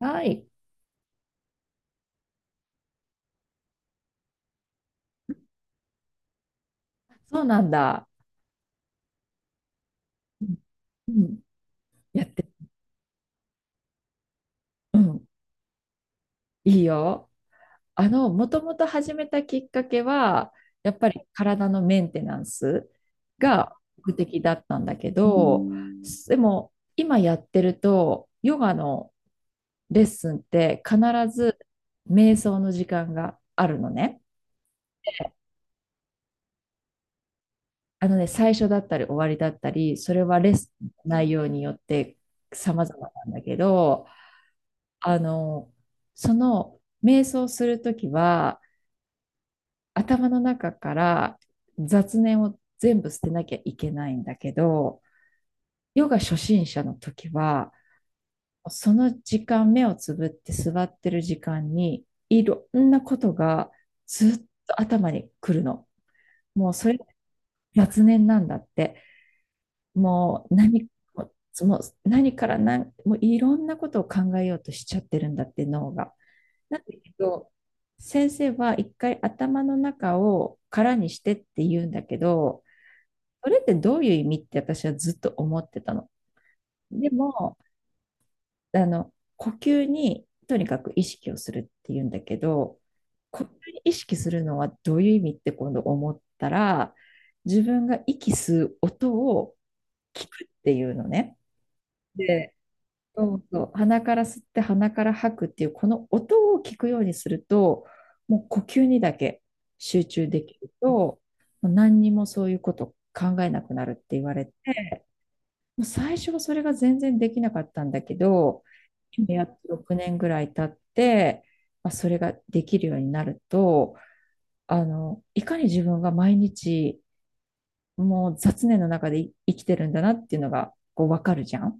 はい。そうなんだ。うんうんやって、うん。いいよ。もともと始めたきっかけは、やっぱり体のメンテナンスが目的だったんだけど、うん。でも今やってると、ヨガのレッスンって必ず瞑想の時間があるのね。で、あのね、最初だったり終わりだったり、それはレッスンの内容によって様々なんだけど、あの、その瞑想するときは、頭の中から雑念を全部捨てなきゃいけないんだけど、ヨガ初心者の時は、その時間、目をつぶって座ってる時間に、いろんなことがずっと頭に来るの。もうそれ雑念なんだって。もう何、もう何から何、もういろんなことを考えようとしちゃってるんだって、脳が。なんだけど、先生は一回頭の中を空にしてって言うんだけど、それってどういう意味って私はずっと思ってたの。でも、呼吸にとにかく意識をするって言うんだけど、呼吸に意識するのはどういう意味って今度思ったら、自分が息吸う音を聞くっていうのね。で、そうそう、鼻から吸って鼻から吐くっていうこの音を聞くようにすると、もう呼吸にだけ集中できると、もう何にもそういうこと考えなくなるって言われて、もう最初はそれが全然できなかったんだけど、今やっと6年ぐらい経って、まあ、それができるようになると、いかに自分が毎日もう雑念の中で生きてるんだなっていうのがこう分かるじゃん。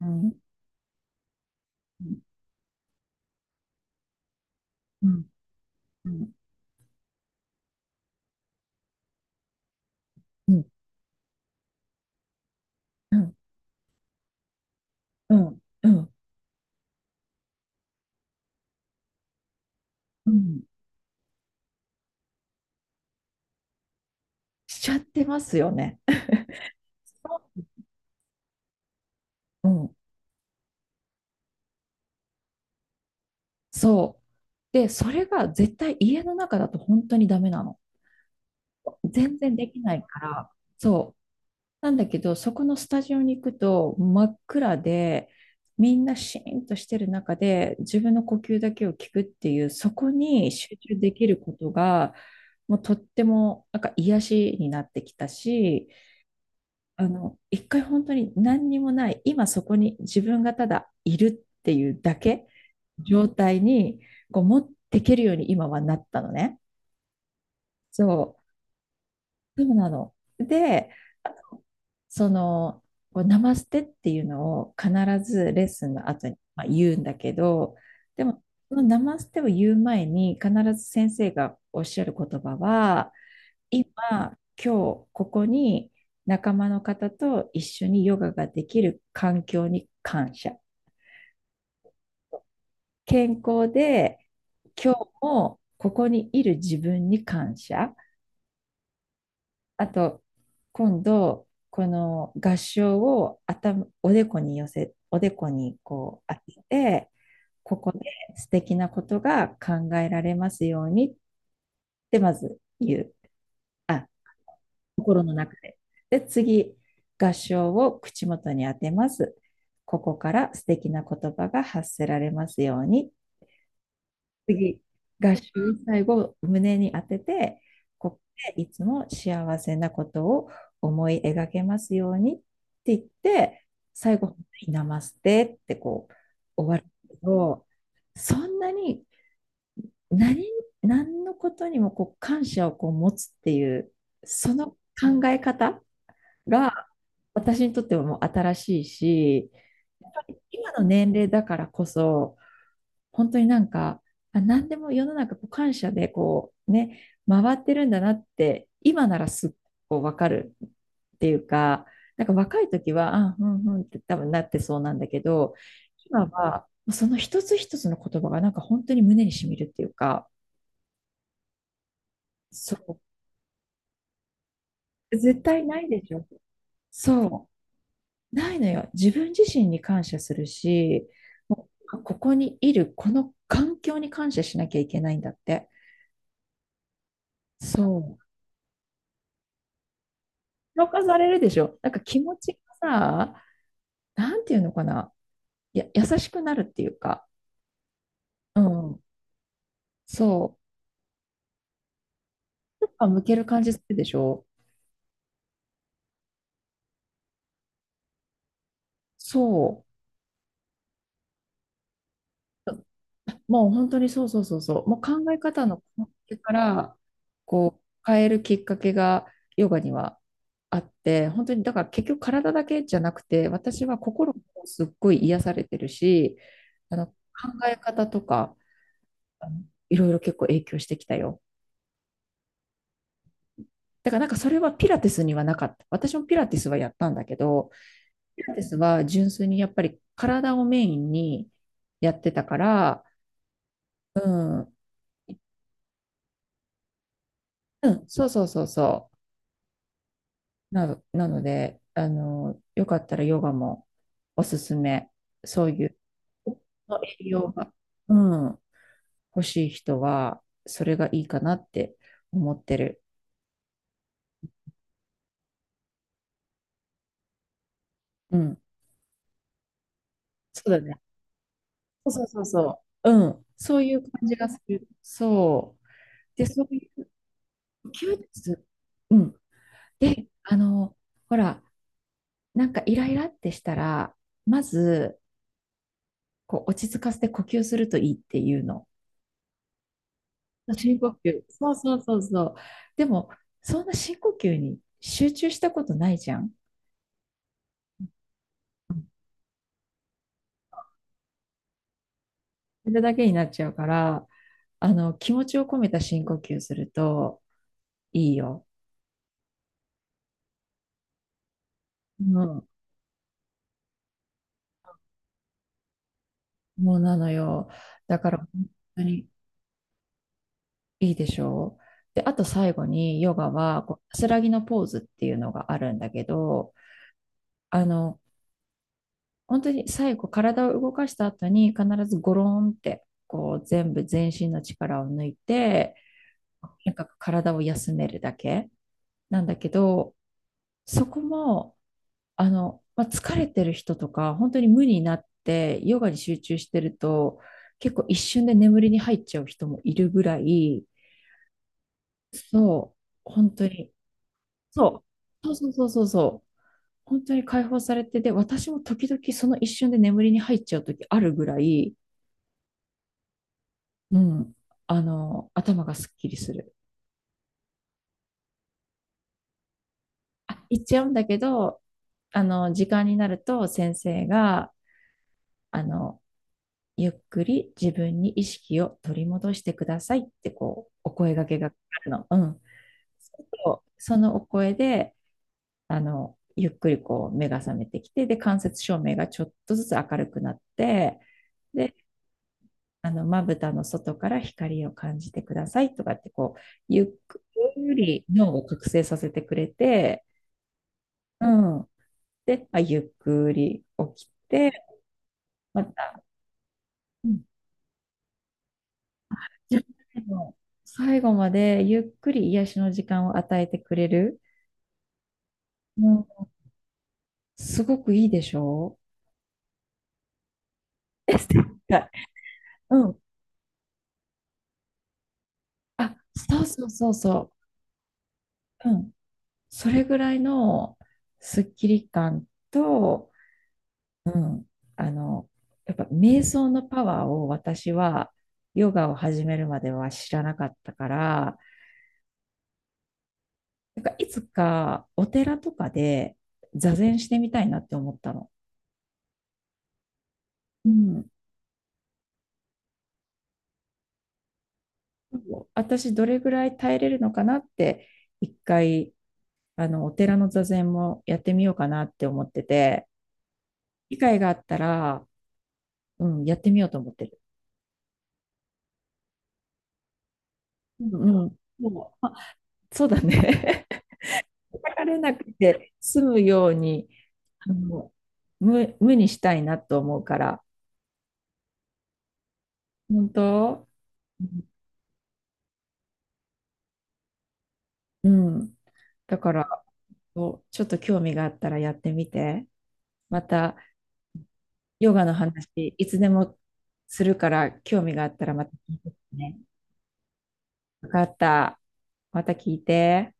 うん。うん、うん、うんうん、うん、うん、うん。しちゃってますよね。うん、そう。で、それが絶対家の中だと本当にダメなの。全然できないから、そう。なんだけど、そこのスタジオに行くと真っ暗で、みんなシーンとしてる中で自分の呼吸だけを聞くっていう、そこに集中できることが、もうとってもなんか癒しになってきたし、一回本当に何にもない、今そこに自分がただいるっていうだけ状態にこう持っていけるように今はなったのね。そう、そうなの。で、あのその、こうナマステっていうのを必ずレッスンの後に、まあ、言うんだけど、でも、そのナマステを言う前に必ず先生がおっしゃる言葉は、今日ここに仲間の方と一緒にヨガができる環境に感謝。健康で今日もここにいる自分に感謝。あと、今度、この合掌を頭、おでこに寄せ、おでこにこう当てて、ここで素敵なことが考えられますようにってまず言う。あ、心の中で。で、次、合唱を口元に当てます。ここから素敵な言葉が発せられますように。次、合唱を最後、胸に当てて、ここでいつも幸せなことを思い描けますようにって言って、最後、ナマステってこう終わるけど、そんなに何何のことにもこう感謝をこう持つっていう、その考え方が、私にとってはもう新しいし、やっぱり今の年齢だからこそ、本当になんか、あ、何でも世の中こう感謝でこうね、回ってるんだなって、今ならすっごいわかるっていうか、なんか若い時は、あ、うんうんって多分なってそうなんだけど、今はその一つ一つの言葉がなんか本当に胸にしみるっていうか、そう、絶対ないでしょ。そう。ないのよ。自分自身に感謝するし、もうここにいる、この環境に感謝しなきゃいけないんだって。そう。評価されるでしょ。なんか気持ちがさ、なんていうのかな。や、優しくなるっていうか。うん。そう。やっぱ向ける感じするでしょ。そう。もう本当にそうそうそうそう、もう考え方の根底からこう変えるきっかけがヨガにはあって、本当にだから結局体だけじゃなくて、私は心もすっごい癒されてるし、考え方とかあのいろいろ結構影響してきたよ。だからなんかそれはピラティスにはなかった。私もピラティスはやったんだけど、ピラティスは純粋にやっぱり体をメインにやってたから、うん、うん、そうそうそうそう。なので、よかったらヨガもおすすめ。そういう栄養が、うん、欲しい人は、それがいいかなって思ってる。うん。そうだね。そうそうそうそう。うん。そういう感じがする。そう。で、そういう休日。うん。で、ほら、なんかイライラってしたら、まず、こう、落ち着かせて呼吸するといいっていうの。深呼吸。そうそうそうそう。でも、そんな深呼吸に集中したことないじゃん。うん。それだけになっちゃうから、気持ちを込めた深呼吸するといいよ。うん。もうなのよ。だから、本当にいいでしょう。で、あと最後に、ヨガは、こう、安らぎのポーズっていうのがあるんだけど、あの、本当に最後、体を動かした後に、必ずゴロンって、こう、全部全身の力を抜いて、なんか体を休めるだけなんだけど、そこも、まあ、疲れてる人とか、本当に無になってヨガに集中してると、結構一瞬で眠りに入っちゃう人もいるぐらい、そう、本当に、そう、そうそうそうそうそう、本当に解放されて、で、私も時々その一瞬で眠りに入っちゃう時あるぐらい、うん、あの、頭がすっきりする。あ、言っちゃうんだけど、時間になると先生が、あの、ゆっくり自分に意識を取り戻してくださいってこう、お声掛けが来るの。うん。そうするとそのお声で、ゆっくりこう目が覚めてきて、で、間接照明がちょっとずつ明るくなって、で、まぶたの外から光を感じてくださいとかってこう、ゆっくり脳を覚醒させてくれて、うん。で、まあ、ゆっくり起きて、また、うん、自分の最後までゆっくり癒しの時間を与えてくれる。うん、すごくいいでしょう。はい。うん。あ、そうそうそうそう。うん。それぐらいのスッキリ感と、うん。あの、やっぱ瞑想のパワーを私はヨガを始めるまでは知らなかったから、なんかいつかお寺とかで座禅してみたいなって思ったの。うん。私どれぐらい耐えれるのかなって一回お寺の座禅もやってみようかなって思ってて機会があったら、うん、やってみようと思ってる。うんうん、もう、あ、そうだね。叩かれなくて済むようにあの無にしたいなと思うから。本当。うんうん。だから、こうちょっと興味があったらやってみて。またヨガの話、いつでもするから、興味があったらまた聞いてね。よかった。また聞いて。